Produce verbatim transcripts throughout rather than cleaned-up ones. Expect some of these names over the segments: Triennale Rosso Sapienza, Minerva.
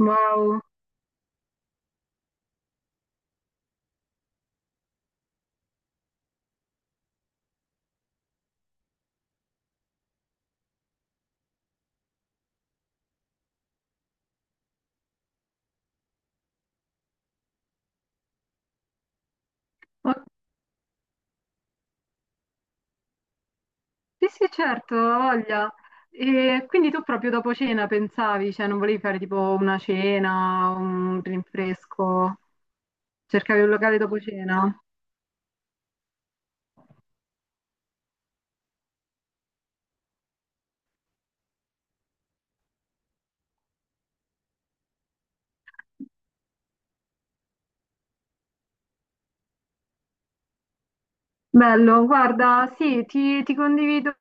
Wow. Oh, sì sì certo, ho voglia. E quindi tu proprio dopo cena pensavi, cioè non volevi fare tipo una cena, un rinfresco, cercavi un locale dopo cena? Bello, guarda, sì, ti, ti condivido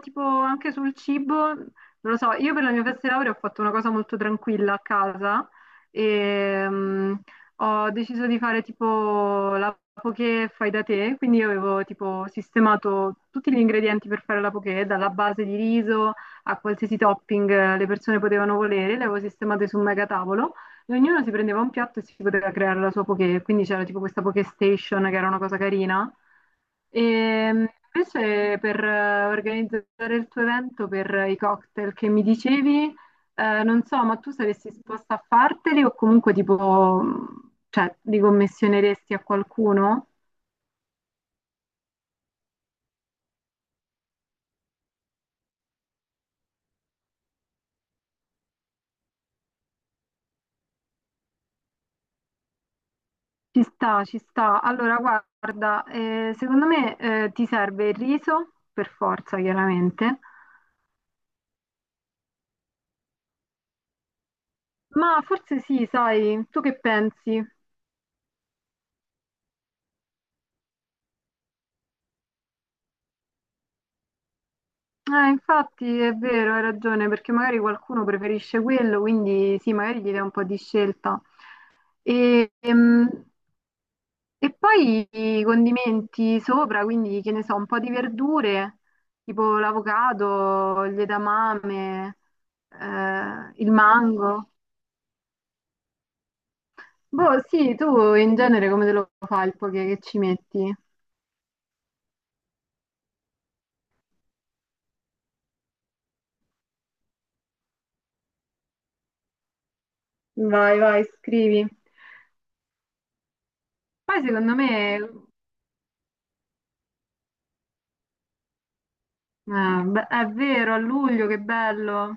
tipo anche sul cibo, non lo so, io per la mia festa di laurea ho fatto una cosa molto tranquilla a casa e mm, ho deciso di fare tipo la poké fai da te, quindi io avevo tipo sistemato tutti gli ingredienti per fare la poké, dalla base di riso a qualsiasi topping eh, le persone potevano volere, le avevo sistemate su un megatavolo e ognuno si prendeva un piatto e si poteva creare la sua poké, quindi c'era tipo questa poké station che era una cosa carina. E invece per eh, organizzare il tuo evento per eh, i cocktail che mi dicevi, eh, non so, ma tu saresti disposta a farteli o comunque tipo, mh, cioè, li commissioneresti a qualcuno? Ci sta, ci sta. Allora, guarda, eh, secondo me eh, ti serve il riso, per forza, chiaramente. Ma forse sì, sai, tu che pensi? Eh, infatti è vero, hai ragione, perché magari qualcuno preferisce quello, quindi sì, magari gli dai un po' di scelta. E, ehm, e poi i condimenti sopra, quindi che ne so, un po' di verdure, tipo l'avocado, gli edamame, eh, il mango. Boh, sì, tu in genere come te lo fai il poke che ci metti? Vai, vai, scrivi. Poi secondo me, eh, beh, è vero, a luglio che bello.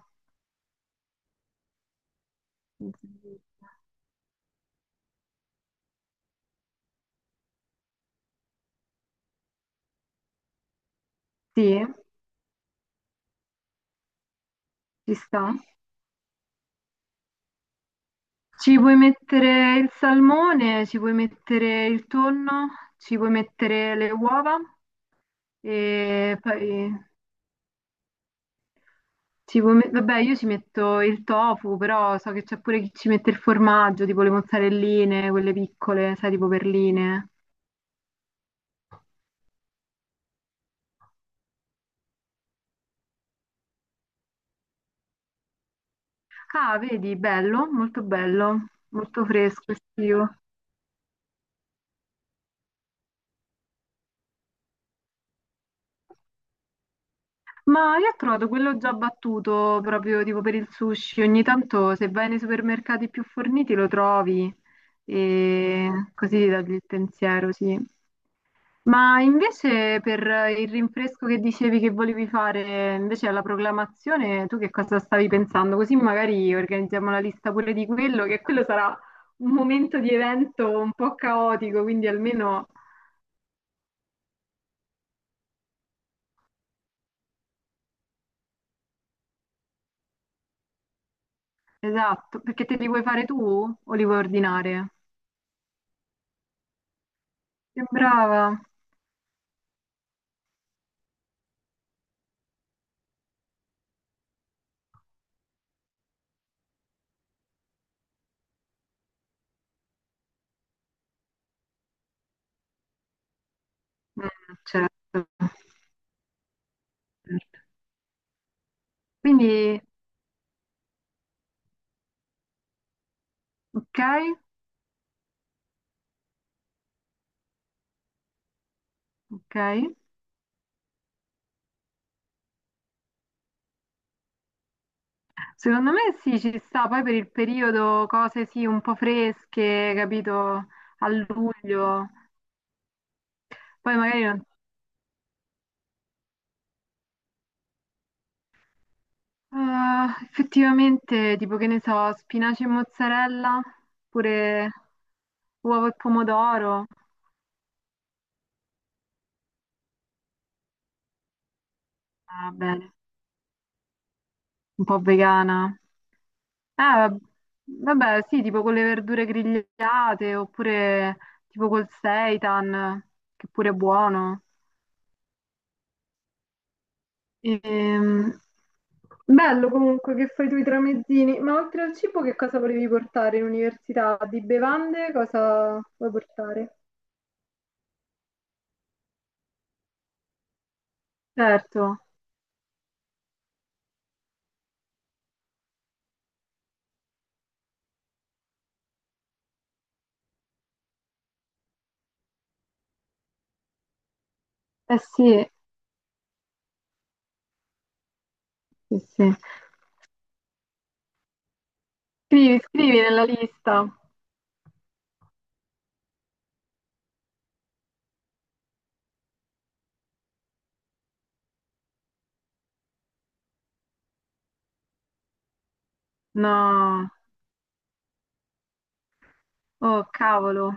Sì, ci sta. Ci puoi mettere il salmone, ci puoi mettere il tonno, ci puoi mettere le uova e poi ci puoi met- vabbè, io ci metto il tofu, però so che c'è pure chi ci mette il formaggio, tipo le mozzarelline, quelle piccole, sai, tipo perline. Ah, vedi, bello, molto bello, molto fresco, estivo. Ma io ho trovato quello già battuto proprio tipo per il sushi. Ogni tanto se vai nei supermercati più forniti lo trovi e così ti togli il pensiero, sì. Ma invece per il rinfresco che dicevi che volevi fare invece alla proclamazione, tu che cosa stavi pensando? Così magari organizziamo la lista pure di quello, che quello sarà un momento di evento un po' caotico, quindi almeno esatto, perché te li vuoi fare tu o li vuoi ordinare? Che brava! Mm, certo, certo. Quindi, ok, ok. Secondo me sì, ci sta, poi per il periodo cose sì, un po' fresche, capito, a luglio, poi magari non- Ah, effettivamente, tipo che ne so, spinaci e mozzarella, oppure uovo e pomodoro, va bene, un po' vegana. Ah, vabbè, sì, tipo con le verdure grigliate oppure tipo col seitan, che pure è buono. Ehm, Bello comunque che fai tu i tramezzini, ma oltre al cibo che cosa volevi portare in università? Di bevande cosa vuoi portare? Certo, eh sì, sì, sì. Scrivi, scrivi nella lista. No, oh cavolo.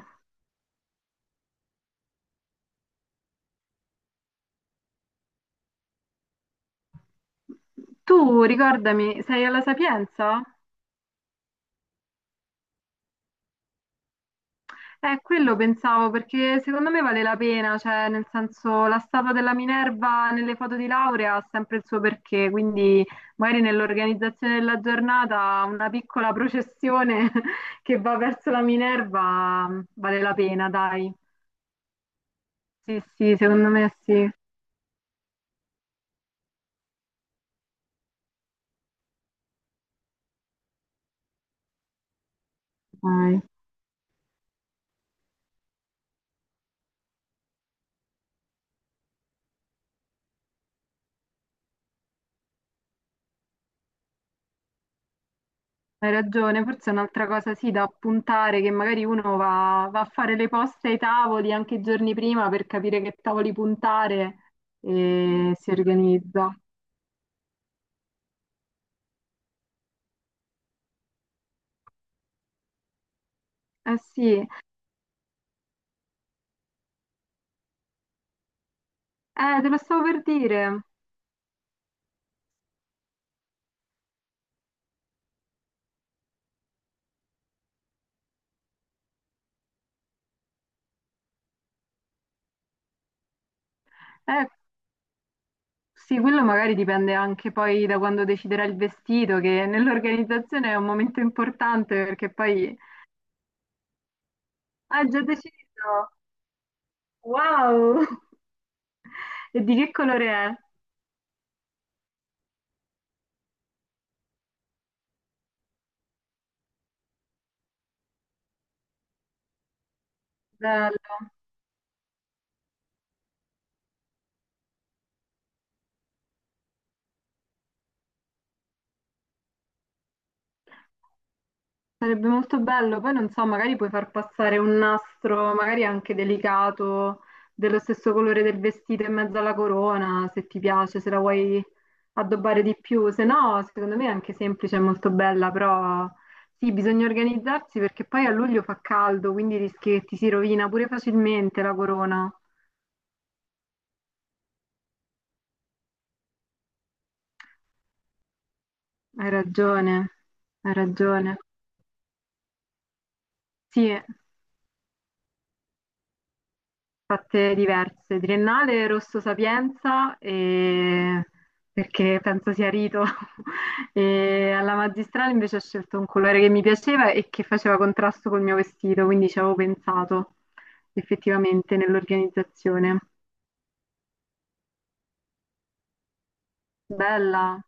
Tu ricordami, sei alla Sapienza? Eh, quello pensavo perché secondo me vale la pena, cioè nel senso la statua della Minerva nelle foto di laurea ha sempre il suo perché, quindi magari nell'organizzazione della giornata una piccola processione che va verso la Minerva mh, vale la pena, dai. Sì, sì, secondo me sì. Dai. Hai ragione, forse è un'altra cosa sì da appuntare che magari uno va, va a fare le poste ai tavoli anche i giorni prima per capire che tavoli puntare e si organizza. Eh sì, eh, te lo stavo per dire. Eh, sì, quello magari dipende anche poi da quando deciderà il vestito, che nell'organizzazione è un momento importante perché poi... Ah, già deciso! Wow! E di che colore è? Bello. Sarebbe molto bello, poi non so, magari puoi far passare un nastro, magari anche delicato, dello stesso colore del vestito in mezzo alla corona, se ti piace, se la vuoi addobbare di più, se no, secondo me è anche semplice, è molto bella, però sì, bisogna organizzarsi perché poi a luglio fa caldo, quindi rischi che ti si rovina pure facilmente la corona. Hai ragione, hai ragione. Sì. Fatte diverse, Triennale Rosso Sapienza, e- perché penso sia rito, e alla magistrale invece ho scelto un colore che mi piaceva e che faceva contrasto col mio vestito, quindi ci avevo pensato effettivamente nell'organizzazione. Bella.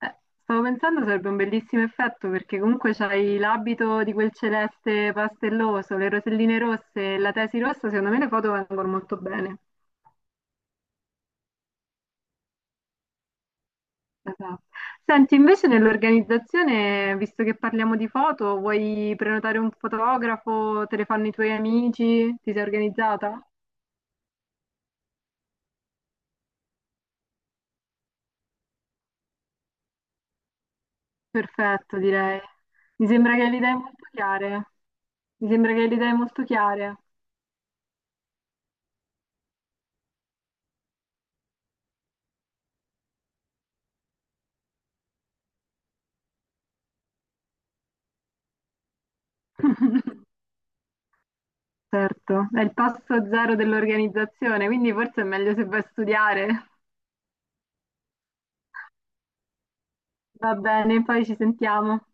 Eh, stavo pensando sarebbe un bellissimo effetto perché comunque c'hai l'abito di quel celeste pastelloso, le roselline rosse e la tesi rossa, secondo me le foto vengono molto bene. Esatto. Senti, invece nell'organizzazione, visto che parliamo di foto, vuoi prenotare un fotografo? Te le fanno i tuoi amici? Ti sei organizzata? Perfetto, direi. Mi sembra che le idee molto chiare. Mi sembra che le idee molto chiare. Certo, è il passo zero dell'organizzazione, quindi forse è meglio se vai a studiare. Va bene, poi ci sentiamo.